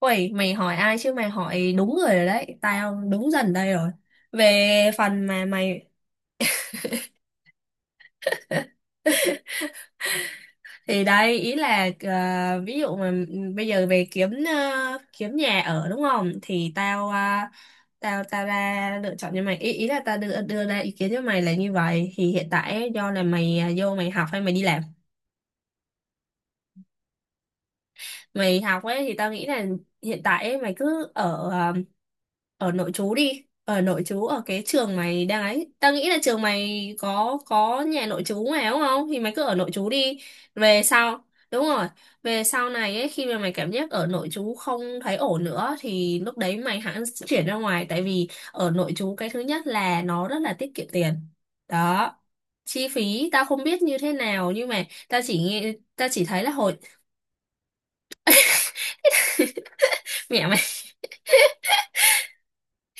Ui, mày hỏi ai chứ mày hỏi đúng người rồi đấy, tao đúng dần đây rồi. Về phần mà mày, thì đấy, ý là ví dụ mà bây giờ về kiếm nhà ở, đúng không? Thì tao ờ, tao tao ra lựa chọn cho mày, ý ý là tao đưa đưa ra ý kiến cho mày là như vậy. Thì hiện tại ấy, do là mày vô mày học hay mày đi làm? Mày học ấy thì tao nghĩ là hiện tại ấy, mày cứ ở nội trú đi, ở nội trú ở cái trường mày đang ấy, tao nghĩ là trường mày có nhà nội trú mà, đúng không? Thì mày cứ ở nội trú đi. Về sau Đúng rồi, về sau này ấy, khi mà mày cảm giác ở nội trú không thấy ổn nữa thì lúc đấy mày hẳn chuyển ra ngoài. Tại vì ở nội trú, cái thứ nhất là nó rất là tiết kiệm tiền đó. Chi phí tao không biết như thế nào, nhưng mà tao chỉ nghe, tao chỉ thấy là hồi mẹ mày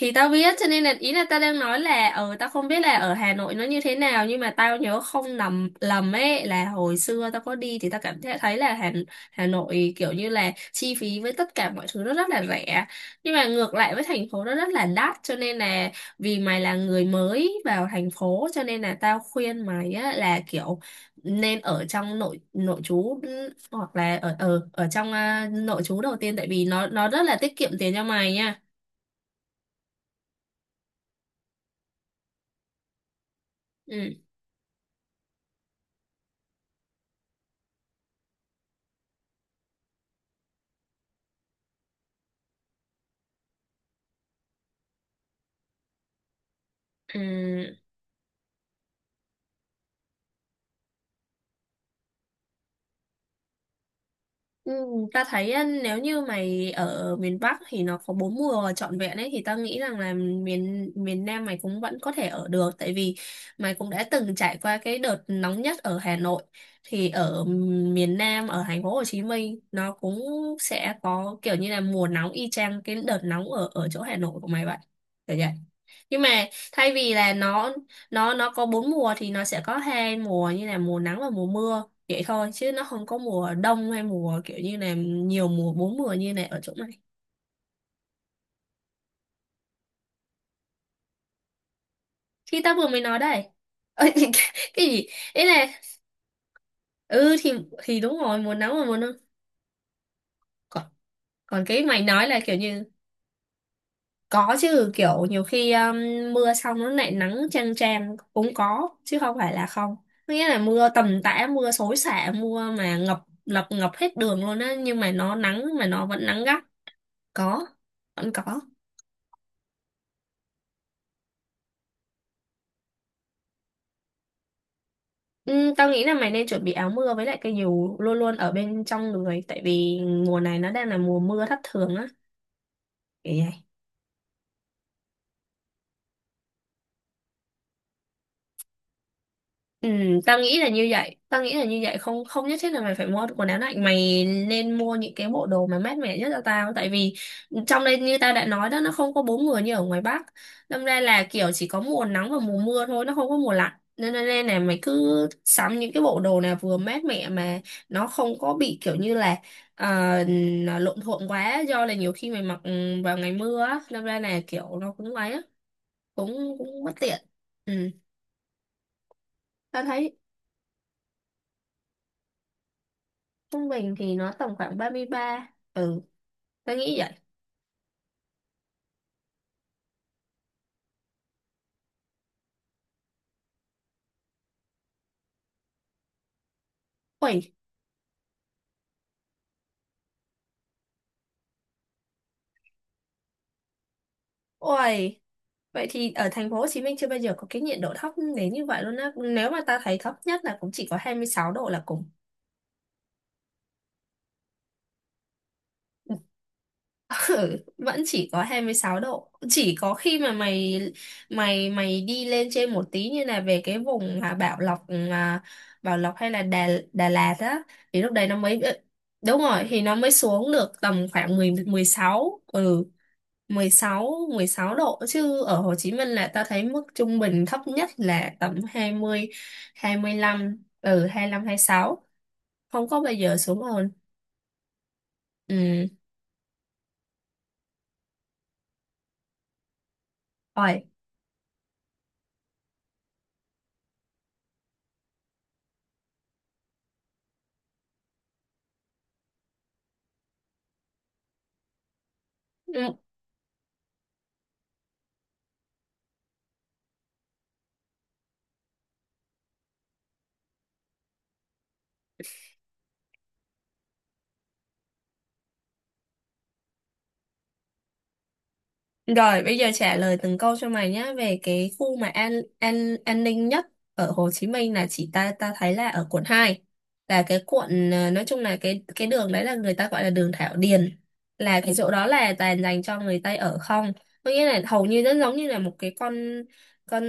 thì tao biết, cho nên là ý là tao đang nói là tao không biết là ở Hà Nội nó như thế nào, nhưng mà tao nhớ không nằm lầm ấy, là hồi xưa tao có đi thì tao cảm thấy thấy là Hà Nội kiểu như là chi phí với tất cả mọi thứ nó rất là rẻ, nhưng mà ngược lại với thành phố nó rất là đắt, cho nên là vì mày là người mới vào thành phố, cho nên là tao khuyên mày á, là kiểu nên ở trong nội nội trú, hoặc là ở ở ở trong nội trú đầu tiên, tại vì nó rất là tiết kiệm tiền cho mày nha. Ừ, ừ. Ừ, ta thấy á, nếu như mày ở miền Bắc thì nó có bốn mùa trọn vẹn ấy, thì ta nghĩ rằng là miền miền Nam mày cũng vẫn có thể ở được. Tại vì mày cũng đã từng trải qua cái đợt nóng nhất ở Hà Nội, thì ở miền Nam, ở thành phố Hồ Chí Minh nó cũng sẽ có kiểu như là mùa nóng y chang cái đợt nóng ở ở chỗ Hà Nội của mày vậy. Kiểu vậy, nhưng mà thay vì là nó có bốn mùa thì nó sẽ có hai mùa như là mùa nắng và mùa mưa vậy thôi, chứ nó không có mùa đông hay mùa kiểu như là nhiều mùa, bốn mùa như này ở chỗ này. Khi ta vừa mới nói đây. Ơ, cái gì? Ý là, ừ thì đúng rồi, mùa nắng và mùa nắng. Còn còn cái mày nói là kiểu như, có chứ, kiểu nhiều khi mưa xong nó lại nắng chang chang cũng có, chứ không phải là không. Có nghĩa là mưa tầm tã, mưa xối xả, mưa mà ngập ngập ngập hết đường luôn á, nhưng mà nó nắng, mà nó vẫn nắng gắt. Có, vẫn có. Ừ, tao nghĩ là mày nên chuẩn bị áo mưa với lại cây dù luôn luôn ở bên trong người, tại vì mùa này nó đang là mùa mưa thất thường á. Kiểu vậy. Ừ, tao nghĩ là như vậy, tao nghĩ là như vậy, không không nhất thiết là mày phải mua quần áo lạnh, mày nên mua những cái bộ đồ mà mát mẻ nhất cho tao. Tại vì trong đây như tao đã nói đó, nó không có bốn mùa như ở ngoài Bắc, đâm ra là kiểu chỉ có mùa nắng và mùa mưa thôi, nó không có mùa lạnh, nên nên nên là mày cứ sắm những cái bộ đồ nào vừa mát mẻ, mà nó không có bị kiểu như là ờ, nó lộn thuộn quá, do là nhiều khi mày mặc vào ngày mưa á, đâm ra là kiểu nó cũng ấy á, cũng cũng bất tiện. Ừ. Tao thấy trung bình thì nó tầm khoảng 33. Ừ tôi nghĩ vậy. Ui, ui. Vậy thì ở thành phố Hồ Chí Minh chưa bao giờ có cái nhiệt độ thấp đến như vậy luôn á, nếu mà ta thấy thấp nhất là cũng chỉ có 26 độ là cùng. Ừ, vẫn chỉ có 26 độ, chỉ có khi mà mày mày mày đi lên trên một tí như là về cái vùng Bảo Lộc Bảo Lộc hay là Đà Đà Lạt á thì lúc đấy nó mới đúng rồi thì nó mới xuống được tầm khoảng 10 16, 16, 16 độ. Chứ ở Hồ Chí Minh là ta thấy mức trung bình thấp nhất là tầm 20, 25, 25, mươi sáu, không có bao giờ xuống hơn. Ừ, rồi. Rồi bây giờ trả lời từng câu cho mày nhé, về cái khu mà an ninh nhất ở Hồ Chí Minh là, chỉ ta ta thấy là ở Quận 2, là cái quận nói chung là cái đường đấy là người ta gọi là đường Thảo Điền, là cái chỗ đó là toàn dành cho người Tây ở không, có nghĩa là hầu như rất giống như là một cái con, con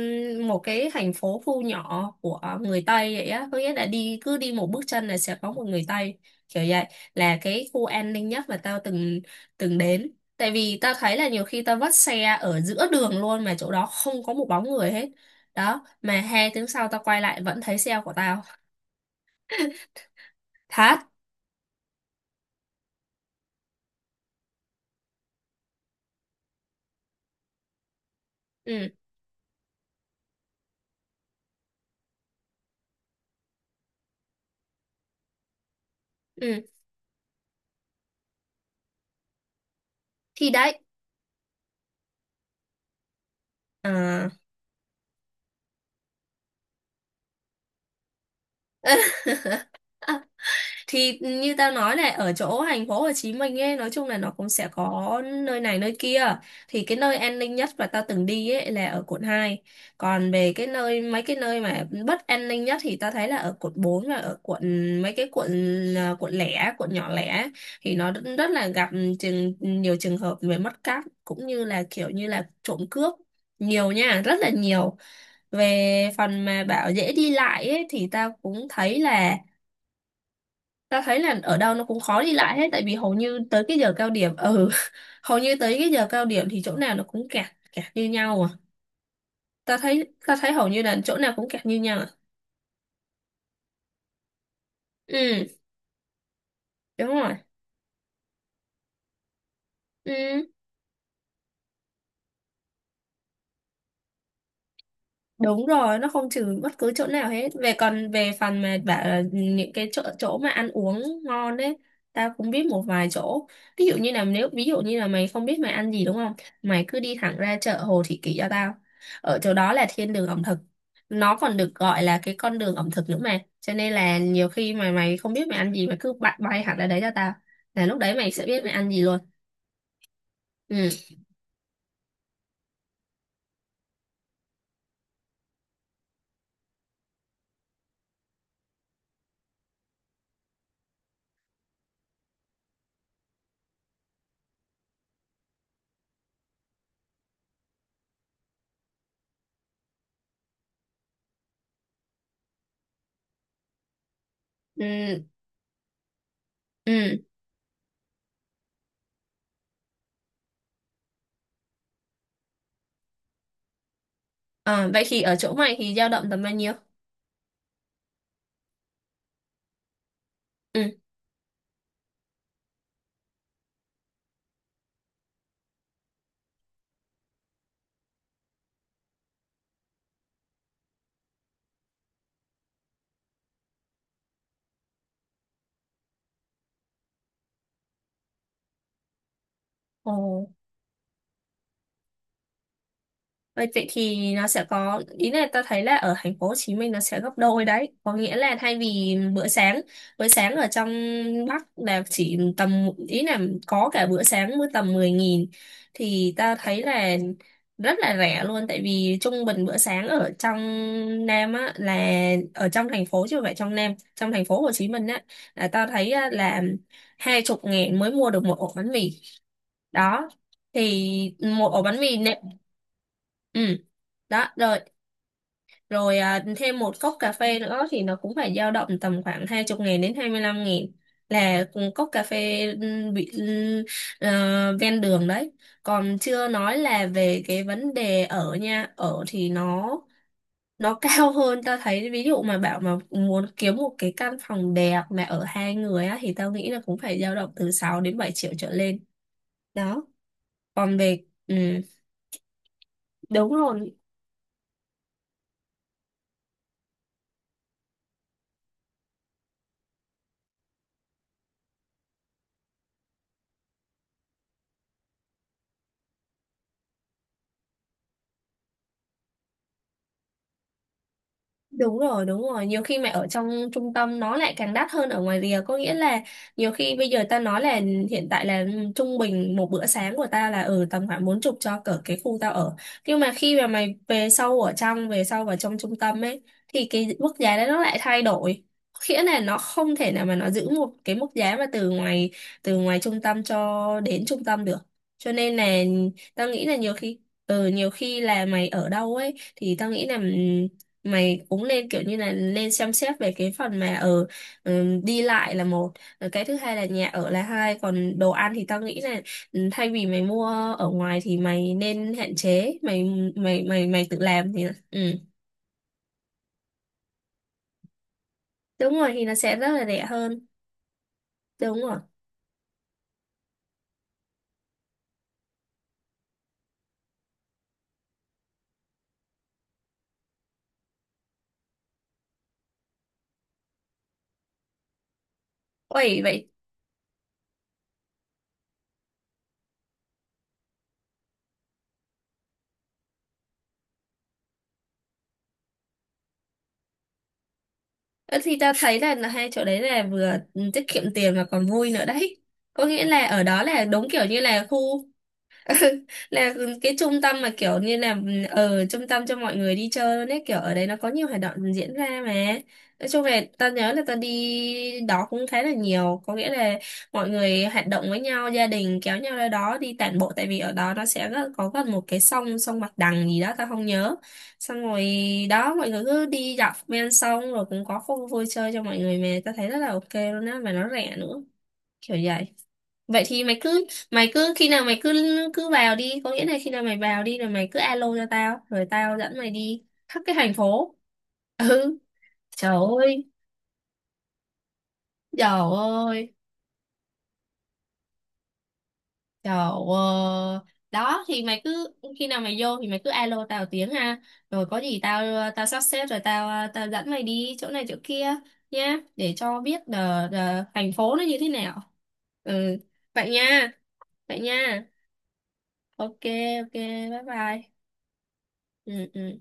một cái thành phố, khu nhỏ của người Tây vậy á, có nghĩa là đi, cứ đi một bước chân là sẽ có một người Tây, kiểu vậy, là cái khu an ninh nhất mà tao từng từng đến. Tại vì ta thấy là nhiều khi ta vắt xe ở giữa đường luôn mà chỗ đó không có một bóng người hết. Đó, mà 2 tiếng sau ta quay lại vẫn thấy xe của tao. Thật. Ừ, ừ. Thì đấy. À. Thì như tao nói này, ở chỗ thành phố Hồ Chí Minh ấy, nói chung là nó cũng sẽ có nơi này nơi kia, thì cái nơi an ninh nhất mà tao từng đi ấy là ở Quận 2. Còn về cái nơi, mấy cái nơi mà bất an ninh nhất thì tao thấy là ở Quận 4 và ở quận, mấy cái quận, quận lẻ, quận nhỏ lẻ, thì nó rất rất là gặp nhiều trường hợp về mất cắp, cũng như là kiểu như là trộm cướp, nhiều nha, rất là nhiều. Về phần mà bảo dễ đi lại ấy, thì tao cũng thấy là ta thấy là ở đâu nó cũng khó đi lại hết, tại vì hầu như tới cái giờ cao điểm. Ừ Hầu như tới cái giờ cao điểm thì chỗ nào nó cũng kẹt, kẹt như nhau à. Ta thấy hầu như là chỗ nào cũng kẹt như nhau à. Ừ, đúng rồi, ừ. Đúng rồi, nó không trừ bất cứ chỗ nào hết. Về, còn về phần mà bảo là những cái chỗ chỗ mà ăn uống ngon đấy, tao cũng biết một vài chỗ. Ví dụ như là, nếu ví dụ như là mày không biết mày ăn gì, đúng không? Mày cứ đi thẳng ra chợ Hồ Thị Kỷ cho tao. Ở chỗ đó là thiên đường ẩm thực. Nó còn được gọi là cái con đường ẩm thực nữa mà. Cho nên là nhiều khi mà mày không biết mày ăn gì, mày cứ bay hẳn ra đấy cho tao. Là lúc đấy mày sẽ biết mày ăn gì luôn. Ừ. Ừ. Ừ. Ờ, vậy thì ở chỗ mày thì dao động tầm bao nhiêu? Ừ. Ồ. Vậy vậy thì nó sẽ có, ý là ta thấy là ở thành phố Hồ Chí Minh nó sẽ gấp đôi đấy, có nghĩa là thay vì bữa sáng ở trong Bắc là chỉ tầm, ý là có cả bữa sáng mới tầm 10.000 thì ta thấy là rất là rẻ luôn. Tại vì trung bình bữa sáng ở trong Nam á là ở trong thành phố, chứ không phải trong Nam, trong thành phố Hồ Chí Minh á, là ta thấy á, là 20.000 mới mua được một ổ bánh mì đó. Thì một ổ bánh mì nè, ừ, đó, rồi, rồi, à, thêm một cốc cà phê nữa thì nó cũng phải dao động tầm khoảng 20 nghìn đến 25 nghìn là cùng cốc cà phê, ven đường đấy. Còn chưa nói là về cái vấn đề ở nha, ở thì nó cao hơn. Ta thấy, ví dụ mà bảo mà muốn kiếm một cái căn phòng đẹp mà ở hai người á thì tao nghĩ là cũng phải dao động từ 6 đến 7 triệu trở lên đó. Còn về, đúng rồi. Đúng rồi, đúng rồi. Nhiều khi mà ở trong trung tâm nó lại càng đắt hơn ở ngoài rìa. Có nghĩa là nhiều khi bây giờ ta nói là hiện tại là, trung bình một bữa sáng của ta là ở tầm khoảng 40 cho cỡ cái khu tao ở. Nhưng mà khi mà mày về sâu ở trong, về sâu vào trong trung tâm ấy, thì cái mức giá đó nó lại thay đổi. Có nghĩa là nó không thể nào mà nó giữ một cái mức giá mà từ ngoài, trung tâm cho đến trung tâm được. Cho nên là tao nghĩ là nhiều khi là mày ở đâu ấy, thì tao nghĩ là mày cũng lên kiểu như là lên xem xét về cái phần mà ở, đi lại là một. Rồi cái thứ hai là nhà ở là hai, còn đồ ăn thì tao nghĩ là thay vì mày mua ở ngoài thì mày nên hạn chế mày, mày mày mày tự làm thì. Ừ. Đúng rồi thì nó sẽ rất là rẻ hơn. Đúng rồi. Ôi vậy. Ơ, thì tao thấy là hai chỗ đấy là vừa tiết kiệm tiền mà còn vui nữa đấy. Có nghĩa là ở đó là đúng kiểu như là khu, là cái trung tâm, mà kiểu như là ở trung tâm cho mọi người đi chơi luôn ấy, kiểu ở đấy nó có nhiều hoạt động diễn ra mà. Nói chung là ta nhớ là ta đi đó cũng khá là nhiều, có nghĩa là mọi người hoạt động với nhau, gia đình kéo nhau ra đó đi tản bộ, tại vì ở đó nó sẽ có gần một cái sông sông Bạch Đằng gì đó, ta không nhớ. Xong rồi đó, mọi người cứ đi dọc ven sông rồi cũng có khu vui chơi cho mọi người, mà ta thấy rất là ok luôn á, mà nó rẻ nữa. Kiểu vậy. Vậy thì mày cứ, khi nào mày cứ cứ vào đi, có nghĩa là khi nào mày vào đi rồi mày cứ alo cho tao rồi tao dẫn mày đi khắp cái thành phố. Ừ. Trời ơi. Trời ơi. Trời ơi. Đó thì mày cứ, khi nào mày vô thì mày cứ alo tao tiếng ha, rồi có gì tao tao sắp xếp rồi tao tao dẫn mày đi chỗ này chỗ kia nhá, để cho biết là thành phố nó như thế nào. Ừ. Vậy nha. Vậy nha. Ok. Ok. Bye bye. Ừ, ừ.